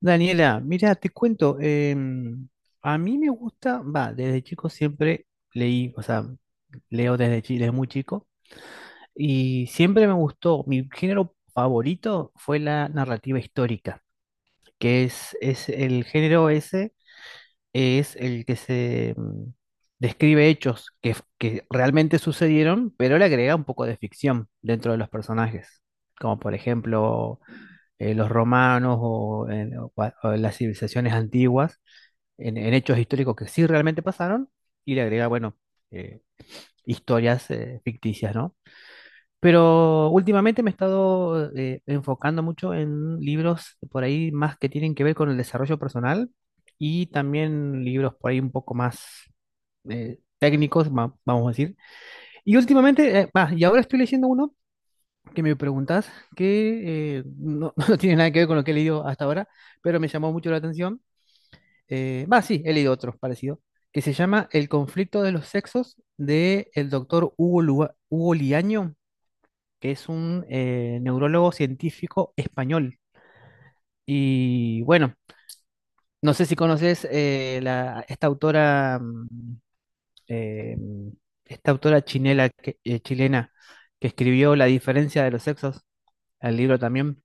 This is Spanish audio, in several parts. Daniela, mira, te cuento, a mí me gusta, va, desde chico siempre leí, o sea, leo desde, desde muy chico, y siempre me gustó, mi género favorito fue la narrativa histórica, es el género ese, es el que describe hechos que, que realmente sucedieron, pero le agrega un poco de ficción dentro de los personajes, como por ejemplo los romanos o, o las civilizaciones antiguas, en hechos históricos que sí realmente pasaron, y le agrega, bueno, eh, historias ficticias, ¿no? Pero últimamente me he estado enfocando mucho en libros por ahí más que tienen que ver con el desarrollo personal, y también libros por ahí un poco más técnicos, vamos a decir. Y últimamente, y ahora estoy leyendo uno que me preguntas, que no, no tiene nada que ver con lo que he leído hasta ahora, pero me llamó mucho la atención. Va, sí, he leído otros parecidos, que se llama El conflicto de los sexos, de el doctor Hugo, Hugo Liaño, que es un neurólogo científico español. Y bueno, no sé si conoces esta autora, eh, esta autora chilena, que escribió La diferencia de los sexos, el libro también.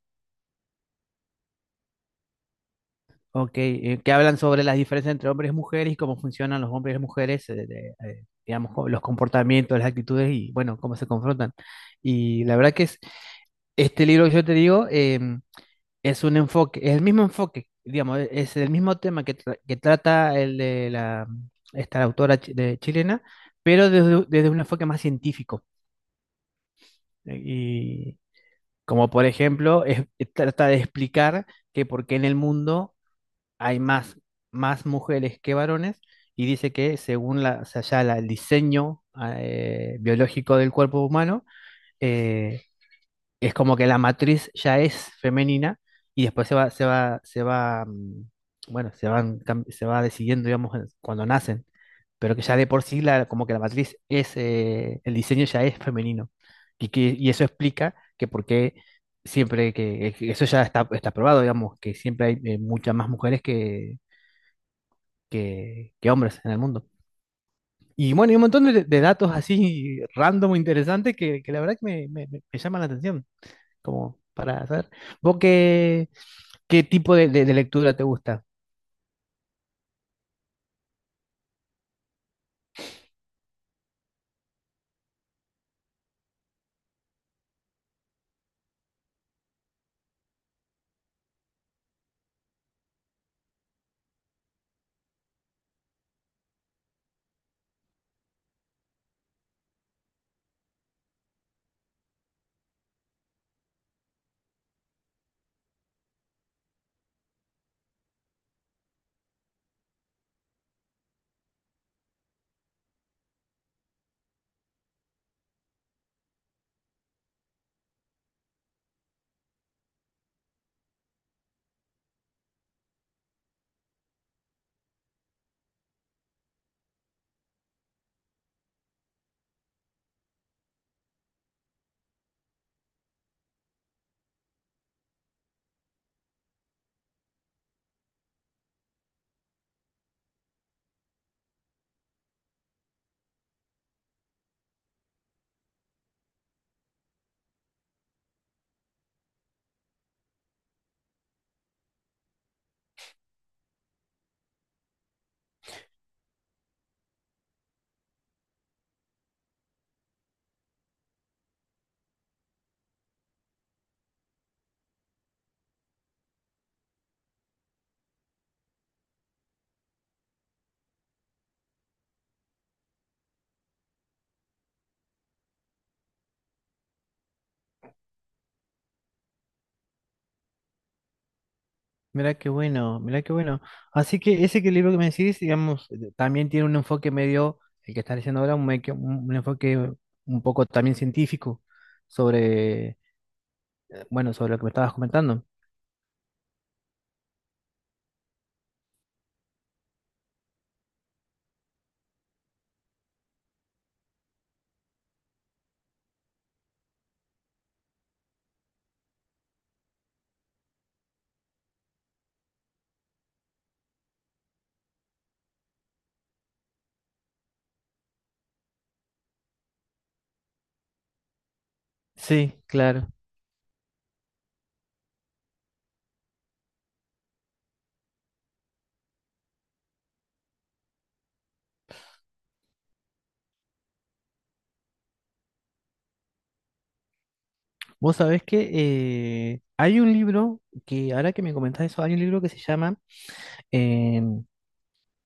Ok, que hablan sobre las diferencias entre hombres y mujeres y cómo funcionan los hombres y mujeres, digamos, los comportamientos, las actitudes y bueno, cómo se confrontan. Y la verdad que es, este libro que yo te digo, es un enfoque, es el mismo enfoque, digamos, es el mismo tema que, que trata el de la, esta autora chilena, pero desde, desde un enfoque más científico. Y como por ejemplo, trata de explicar que por qué en el mundo hay más, más mujeres que varones, y dice que según la, o sea, el diseño biológico del cuerpo humano, eh, es como que la matriz ya es femenina, y después se va, bueno, se va decidiendo, digamos, cuando nacen, pero que ya de por sí, la, como que la matriz es, el diseño ya es femenino. Y eso explica que por qué siempre que eso ya está, está probado, digamos, que siempre hay muchas más mujeres que hombres en el mundo. Y bueno, y un montón de datos así random, interesantes, que la verdad que me llaman la atención como para saber. ¿Vos qué, qué tipo de lectura te gusta? Mirá qué bueno, mirá qué bueno. Así que ese que libro que me decís, digamos, también tiene un enfoque medio, el que estás diciendo ahora, un enfoque un poco también científico sobre, bueno, sobre lo que me estabas comentando. Sí, claro. Vos sabés que hay un libro que, ahora que me comentás eso, hay un libro que se llama em,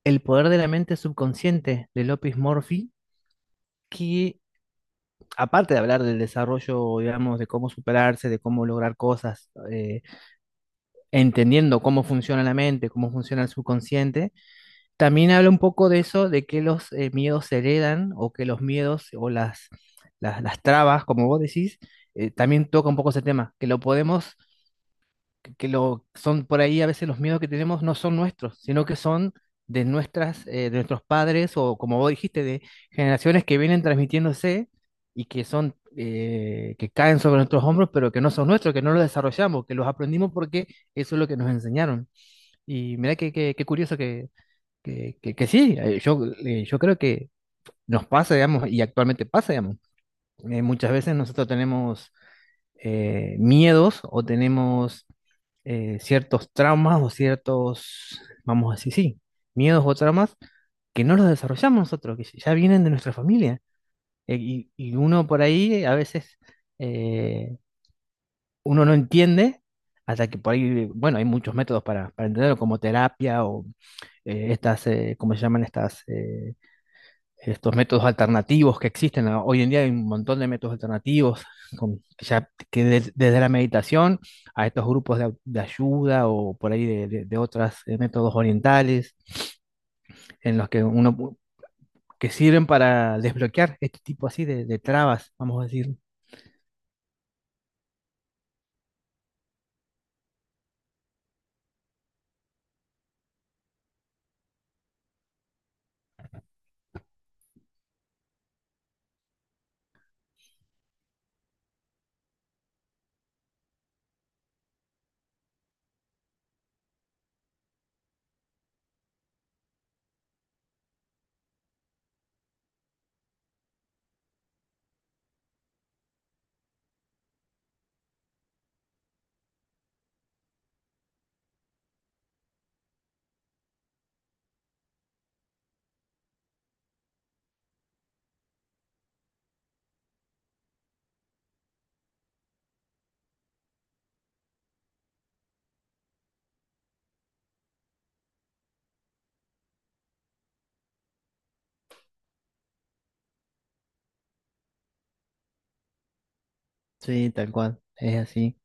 El poder de la mente subconsciente, de López Murphy, que aparte de hablar del desarrollo, digamos, de cómo superarse, de cómo lograr cosas, entendiendo cómo funciona la mente, cómo funciona el subconsciente, también habla un poco de eso, de que los miedos se heredan, o que los miedos o las, las trabas, como vos decís, también toca un poco ese tema, que lo podemos, que son por ahí a veces los miedos que tenemos no son nuestros, sino que son de nuestras, de nuestros padres, o como vos dijiste, de generaciones que vienen transmitiéndose, y que son, que caen sobre nuestros hombros, pero que no son nuestros, que no los desarrollamos, que los aprendimos porque eso es lo que nos enseñaron. Y mira qué curioso que sí, yo creo que nos pasa, digamos, y actualmente pasa, digamos. Muchas veces nosotros tenemos miedos, o tenemos ciertos traumas o ciertos, vamos a decir, sí, miedos o traumas que no los desarrollamos nosotros, que ya vienen de nuestra familia. Y, y uno por ahí a veces eh, uno no entiende, hasta que por ahí, bueno, hay muchos métodos para entenderlo, como terapia o estas, ¿cómo se llaman estas? Estos métodos alternativos que existen, ¿no? Hoy en día hay un montón de métodos alternativos, desde la meditación, a estos grupos de ayuda, o por ahí de otros métodos orientales, en los que que sirven para desbloquear este tipo así de trabas, vamos a decir. Sí, tal cual, es así.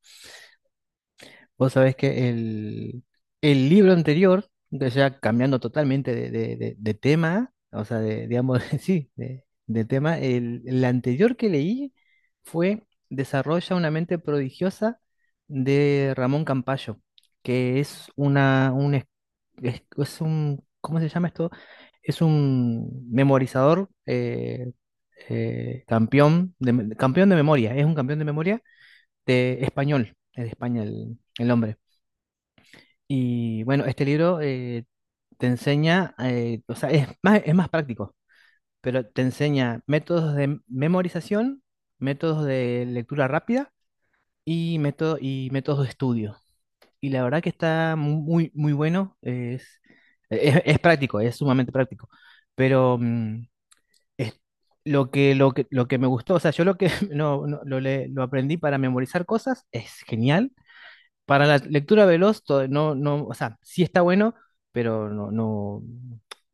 Vos sabés que el libro anterior, o sea, cambiando totalmente de tema, o sea, de, digamos, sí, de tema, el anterior que leí fue Desarrolla una mente prodigiosa, de Ramón Campayo, que es es un, ¿cómo se llama esto? Es un memorizador, campeón de memoria, es un campeón de memoria de español, es de España el hombre. Y bueno, este libro te enseña, o sea, es más práctico, pero te enseña métodos de memorización, métodos de lectura rápida y, y métodos de estudio. Y la verdad que está muy, muy bueno, es práctico, es sumamente práctico. Pero es lo que, lo que me gustó, o sea, yo lo que lo aprendí para memorizar cosas es genial. Para la lectura veloz, no, no, o sea, sí está bueno, pero no, no,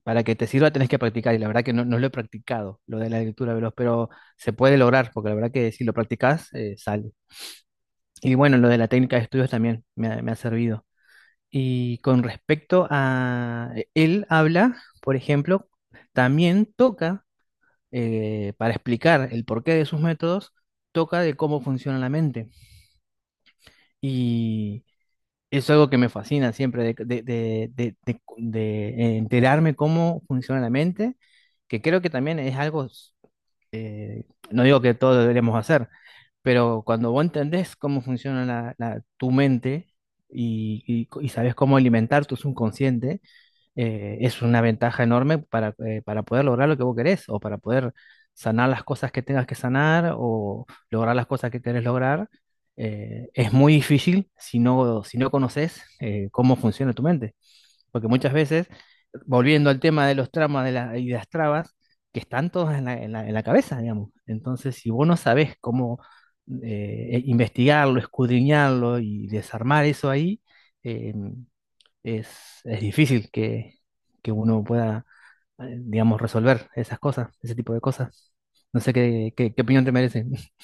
para que te sirva tenés que practicar, y la verdad que no, no lo he practicado, lo de la lectura veloz, pero se puede lograr, porque la verdad que si lo practicás, sale. Y bueno, lo de la técnica de estudios también me ha servido. Y con respecto a él habla, por ejemplo, también toca, para explicar el porqué de sus métodos, toca de cómo funciona la mente. Es algo que me fascina siempre de enterarme cómo funciona la mente, que creo que también es algo, eh, no digo que todos lo deberíamos hacer, pero cuando vos entendés cómo funciona tu mente, y, y sabés cómo alimentar tu subconsciente, es una ventaja enorme para poder lograr lo que vos querés, o para poder sanar las cosas que tengas que sanar, o lograr las cosas que querés lograr. Es muy difícil si no, si no conoces cómo funciona tu mente. Porque muchas veces, volviendo al tema de los tramas y las trabas, que están todas en la, en la cabeza, digamos. Entonces, si vos no sabés cómo investigarlo, escudriñarlo y desarmar eso ahí, eh, es, es difícil que uno pueda, digamos, resolver esas cosas, ese tipo de cosas. No sé qué, qué opinión te merece.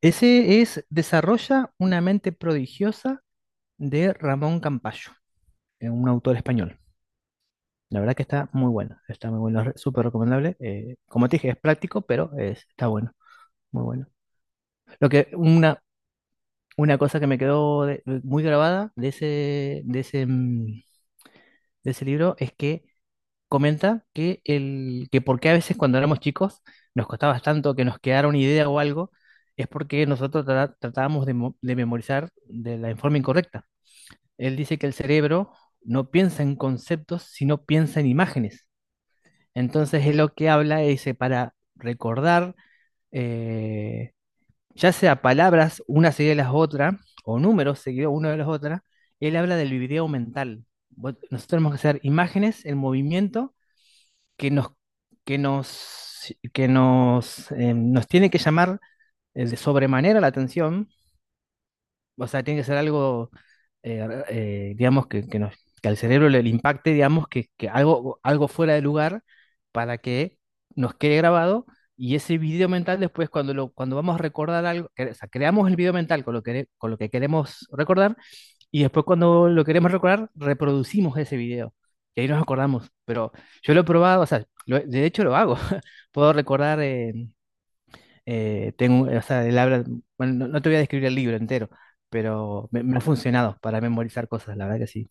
Ese es Desarrolla una mente prodigiosa, de Ramón Campayo, un autor español. La verdad que está muy bueno, súper recomendable. Como te dije, es práctico, pero está bueno, muy bueno. Lo que una, una cosa que me quedó muy grabada de ese, de ese libro es que comenta que el, que por qué a veces cuando éramos chicos nos costaba tanto que nos quedara una idea o algo, es porque nosotros tratábamos de, de memorizar de la forma incorrecta. Él dice que el cerebro no piensa en conceptos, sino piensa en imágenes. Entonces es lo que habla, dice, para recordar, eh, ya sea palabras una seguida de las otras, o números seguidos una de las otras, él habla del video mental. Nosotros tenemos que hacer imágenes en movimiento que nos, que nos, nos tiene que llamar de sobremanera la atención, o sea, tiene que ser algo, digamos, que al cerebro le impacte, digamos, que algo, algo fuera de lugar, para que nos quede grabado. Y ese video mental después cuando, cuando vamos a recordar algo, o sea, creamos el video mental con lo que queremos recordar, y después cuando lo queremos recordar, reproducimos ese video. Y ahí nos acordamos. Pero yo lo he probado, o sea, de hecho lo hago. Puedo recordar, tengo, o sea, él habla, bueno, no, no te voy a describir el libro entero, pero me ha funcionado para memorizar cosas, la verdad que sí.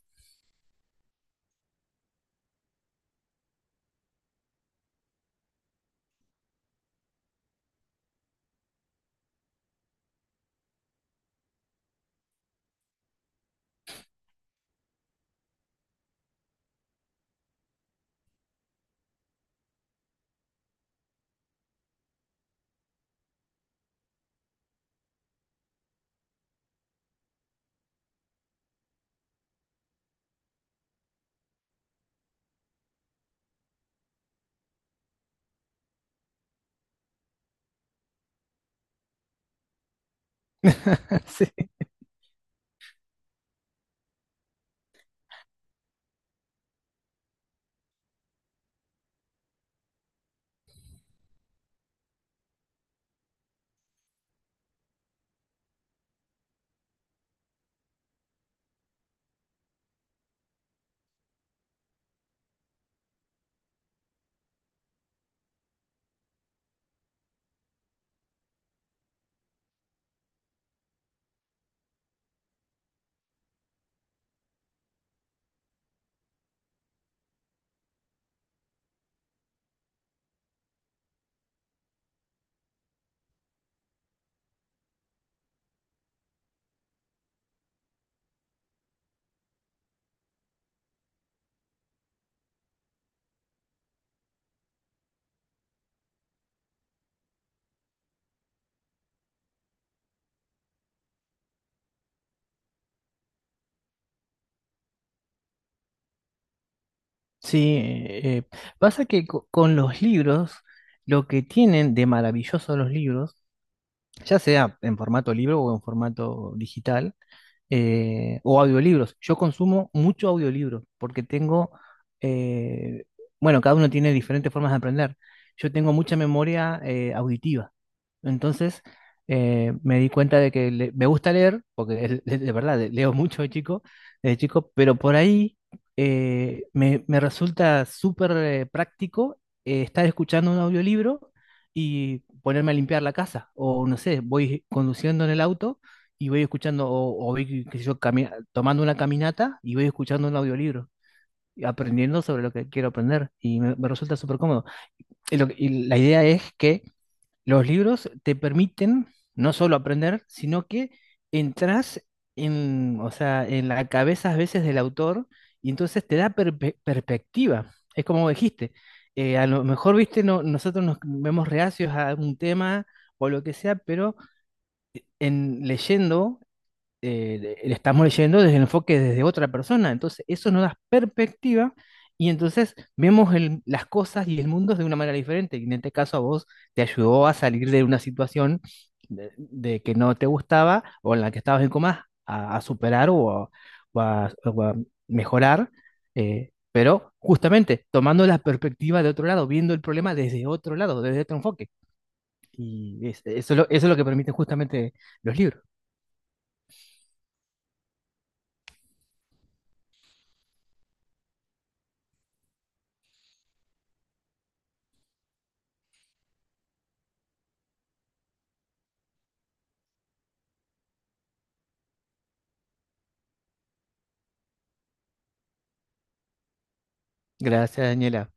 Sí, sí, pasa que con los libros, lo que tienen de maravilloso los libros, ya sea en formato libro o en formato digital, o audiolibros. Yo consumo mucho audiolibro porque tengo, eh, bueno, cada uno tiene diferentes formas de aprender. Yo tengo mucha memoria auditiva. Entonces, me di cuenta de que me gusta leer, porque es de verdad, leo mucho de chico, pero por ahí me resulta súper práctico estar escuchando un audiolibro y ponerme a limpiar la casa. O no sé, voy conduciendo en el auto y voy escuchando, o voy, qué sé yo, tomando una caminata y voy escuchando un audiolibro, y aprendiendo sobre lo que quiero aprender. Y me resulta súper cómodo. Y, y la idea es que los libros te permiten no solo aprender, sino que entras en, o sea, en la cabeza a veces del autor, y entonces te da perspectiva. Es como dijiste, a lo mejor, viste, no, nosotros nos vemos reacios a un tema o lo que sea, pero en leyendo le estamos leyendo desde el enfoque desde otra persona. Entonces, eso nos da perspectiva, y entonces vemos las cosas y el mundo de una manera diferente. Y en este caso a vos te ayudó a salir de una situación de que no te gustaba, o en la que estabas en comas, a superar, o a mejorar. Pero justamente tomando la perspectiva de otro lado, viendo el problema desde otro lado, desde otro enfoque. Eso es lo, eso es lo que permiten justamente los libros. Gracias, Daniela.